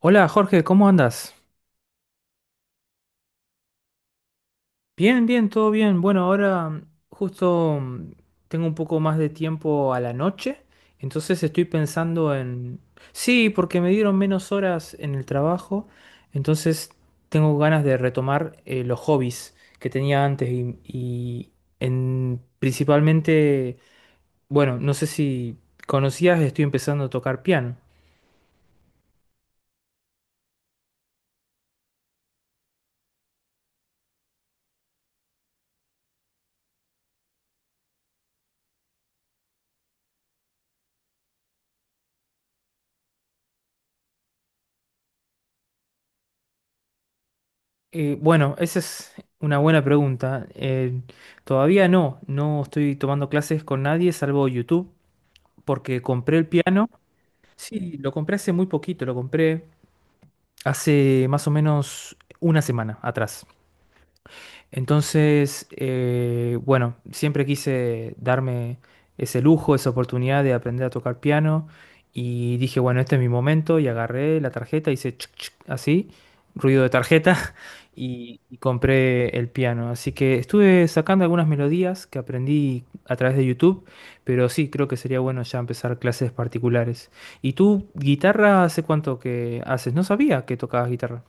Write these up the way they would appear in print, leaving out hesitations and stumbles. Hola Jorge, ¿cómo andas? Bien, bien, todo bien. Bueno, ahora justo tengo un poco más de tiempo a la noche, entonces estoy pensando en... Sí, porque me dieron menos horas en el trabajo, entonces tengo ganas de retomar los hobbies que tenía antes y en... principalmente, bueno, no sé si conocías, estoy empezando a tocar piano. Bueno, esa es una buena pregunta. Todavía no estoy tomando clases con nadie salvo YouTube, porque compré el piano. Sí, lo compré hace muy poquito, lo compré hace más o menos una semana atrás. Entonces, bueno, siempre quise darme ese lujo, esa oportunidad de aprender a tocar piano y dije, bueno, este es mi momento y agarré la tarjeta, hice chuc, chuc, así, ruido de tarjeta y compré el piano. Así que estuve sacando algunas melodías que aprendí a través de YouTube, pero sí, creo que sería bueno ya empezar clases particulares. ¿Y tú, guitarra, hace cuánto que haces? No sabía que tocabas guitarra.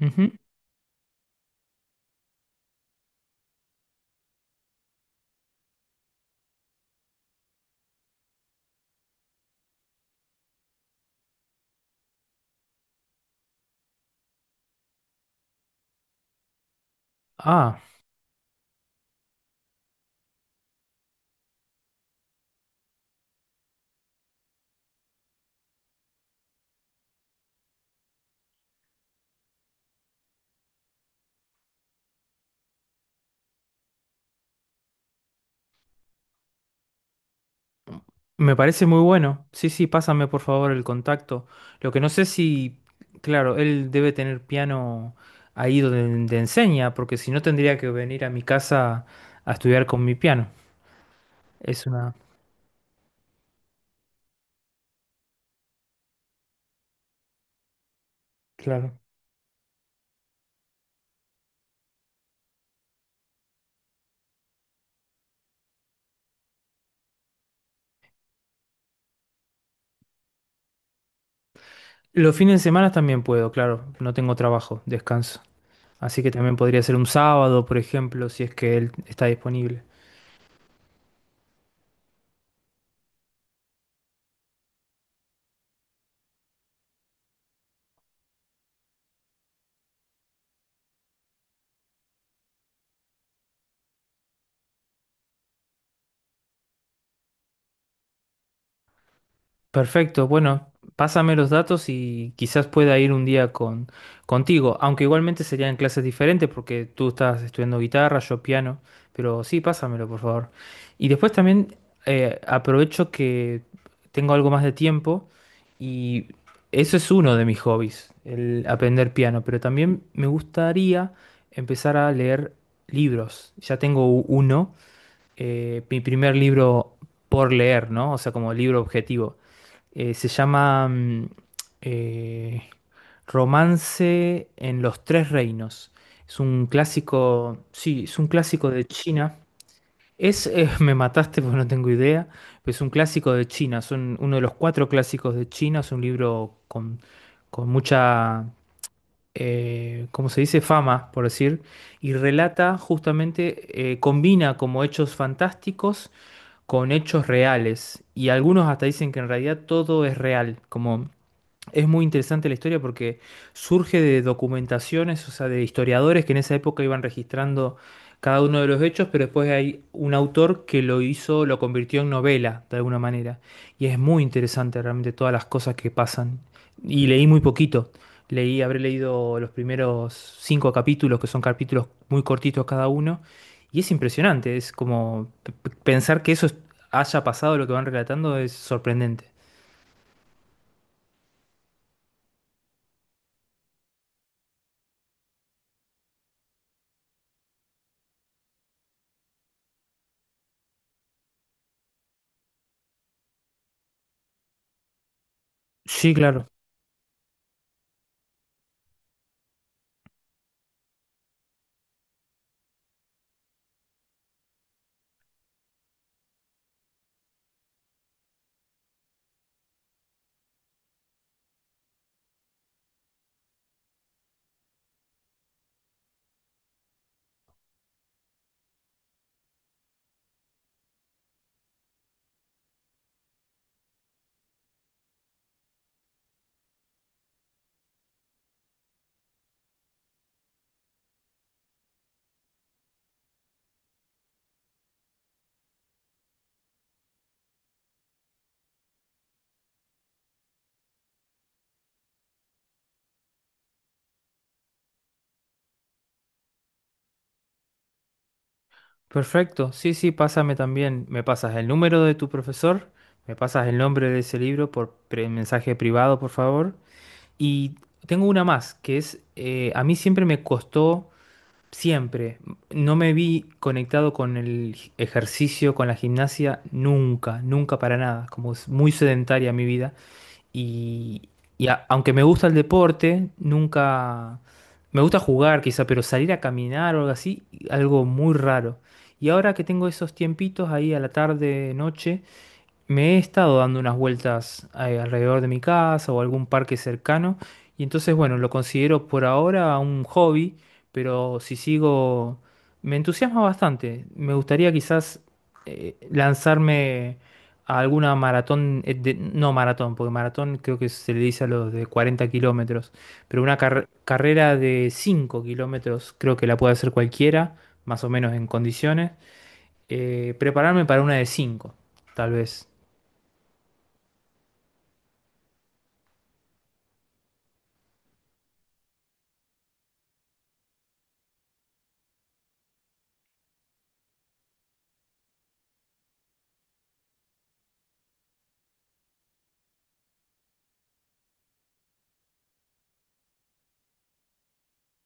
Ujú. Ah. Me parece muy bueno. Sí, sí, pásame por favor el contacto. Lo que no sé si, claro, él debe tener piano ahí donde, te enseña, porque si no tendría que venir a mi casa a estudiar con mi piano. Es una... Claro. Los fines de semana también puedo, claro. No tengo trabajo, descanso. Así que también podría ser un sábado, por ejemplo, si es que él está disponible. Perfecto, bueno, pásame los datos y quizás pueda ir un día con, contigo, aunque igualmente serían clases diferentes porque tú estás estudiando guitarra, yo piano, pero sí, pásamelo, por favor. Y después también aprovecho que tengo algo más de tiempo y eso es uno de mis hobbies, el aprender piano, pero también me gustaría empezar a leer libros. Ya tengo uno mi primer libro por leer, ¿no? O sea, como libro objetivo. Se llama eh, Romance en los Tres Reinos. Es un clásico, sí, es un clásico de China. Es, me mataste porque no tengo idea, pero es un clásico de China, son uno de los cuatro clásicos de China, es un libro con mucha, ¿cómo se dice? Fama, por decir, y relata justamente, combina como hechos fantásticos con hechos reales. Y algunos hasta dicen que en realidad todo es real, como es muy interesante la historia porque surge de documentaciones, o sea, de historiadores que en esa época iban registrando cada uno de los hechos, pero después hay un autor que lo hizo, lo convirtió en novela, de alguna manera. Y es muy interesante realmente todas las cosas que pasan. Y leí muy poquito. Leí, habré leído los primeros cinco capítulos, que son capítulos muy cortitos cada uno. Y es impresionante, es como pensar que haya pasado, lo que van relatando, es sorprendente. Sí, claro. Perfecto, sí, sí, pásame también. Me pasas el número de tu profesor, me pasas el nombre de ese libro por mensaje privado, por favor. Y tengo una más, que es, a mí siempre me costó, siempre, no me vi conectado con el ejercicio, con la gimnasia, nunca, nunca para nada, como es muy sedentaria mi vida. Y, aunque me gusta el deporte, nunca... Me gusta jugar quizá, pero salir a caminar o algo así, algo muy raro. Y ahora que tengo esos tiempitos ahí a la tarde, noche, me he estado dando unas vueltas alrededor de mi casa o algún parque cercano y entonces, bueno, lo considero por ahora un hobby, pero si sigo, me entusiasma bastante. Me gustaría quizás lanzarme a alguna maratón, no maratón, porque maratón creo que se le dice a los de 40 kilómetros, pero una carrera de 5 kilómetros creo que la puede hacer cualquiera, más o menos en condiciones. Prepararme para una de 5 tal vez.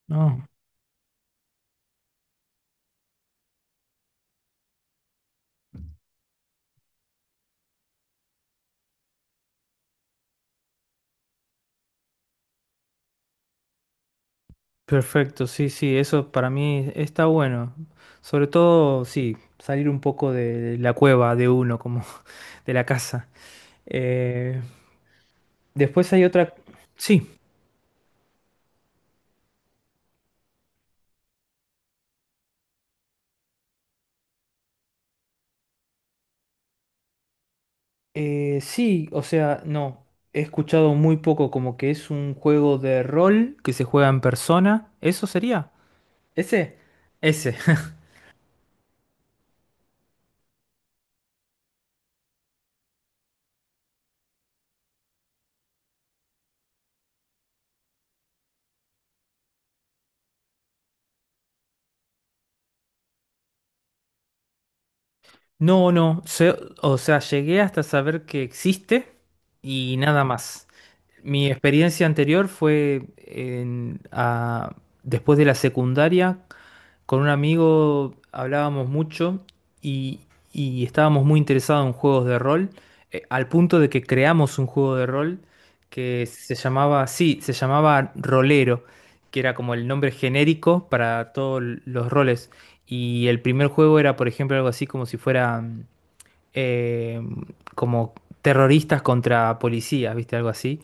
No, perfecto, sí, sí, eso para mí está bueno. Sobre todo, sí, salir un poco de la cueva de uno, como de la casa. Eh, después hay otra... Sí, sí, o sea, no, he escuchado muy poco como que es un juego de rol que se juega en persona. ¿Eso sería? Ese, ese. No, o sea, llegué hasta saber que existe y nada más. Mi experiencia anterior fue después de la secundaria con un amigo hablábamos mucho y, y estábamos muy interesados en juegos de rol, al punto de que creamos un juego de rol que se llamaba, sí, se llamaba Rolero, que era como el nombre genérico para todos los roles. Y el primer juego era, por ejemplo, algo así como si fuera eh, como terroristas contra policías, ¿viste? Algo así.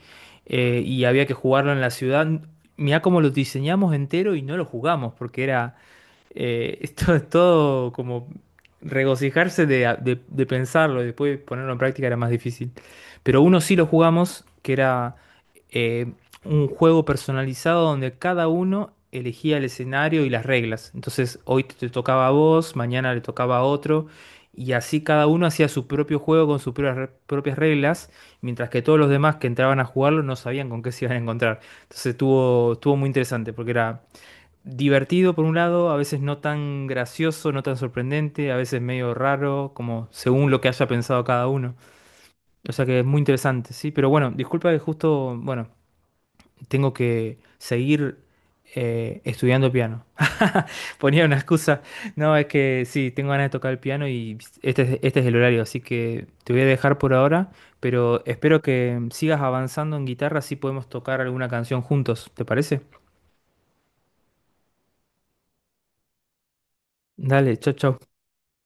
Y había que jugarlo en la ciudad. Mirá cómo lo diseñamos entero y no lo jugamos, porque era esto es todo como regocijarse de pensarlo y después ponerlo en práctica era más difícil. Pero uno sí lo jugamos, que era eh, un juego personalizado donde cada uno elegía el escenario y las reglas. Entonces hoy te tocaba a vos, mañana le tocaba a otro. Y así cada uno hacía su propio juego con sus propias propias reglas, mientras que todos los demás que entraban a jugarlo no sabían con qué se iban a encontrar. Entonces estuvo, estuvo muy interesante porque era divertido por un lado, a veces no tan gracioso, no tan sorprendente, a veces medio raro, como según lo que haya pensado cada uno. O sea que es muy interesante, sí. Pero bueno, disculpa que justo, bueno, tengo que seguir estudiando piano. Ponía una excusa. No, es que sí, tengo ganas de tocar el piano y este es el horario, así que te voy a dejar por ahora, pero espero que sigas avanzando en guitarra, así podemos tocar alguna canción juntos, ¿te parece? Dale, chau, chau.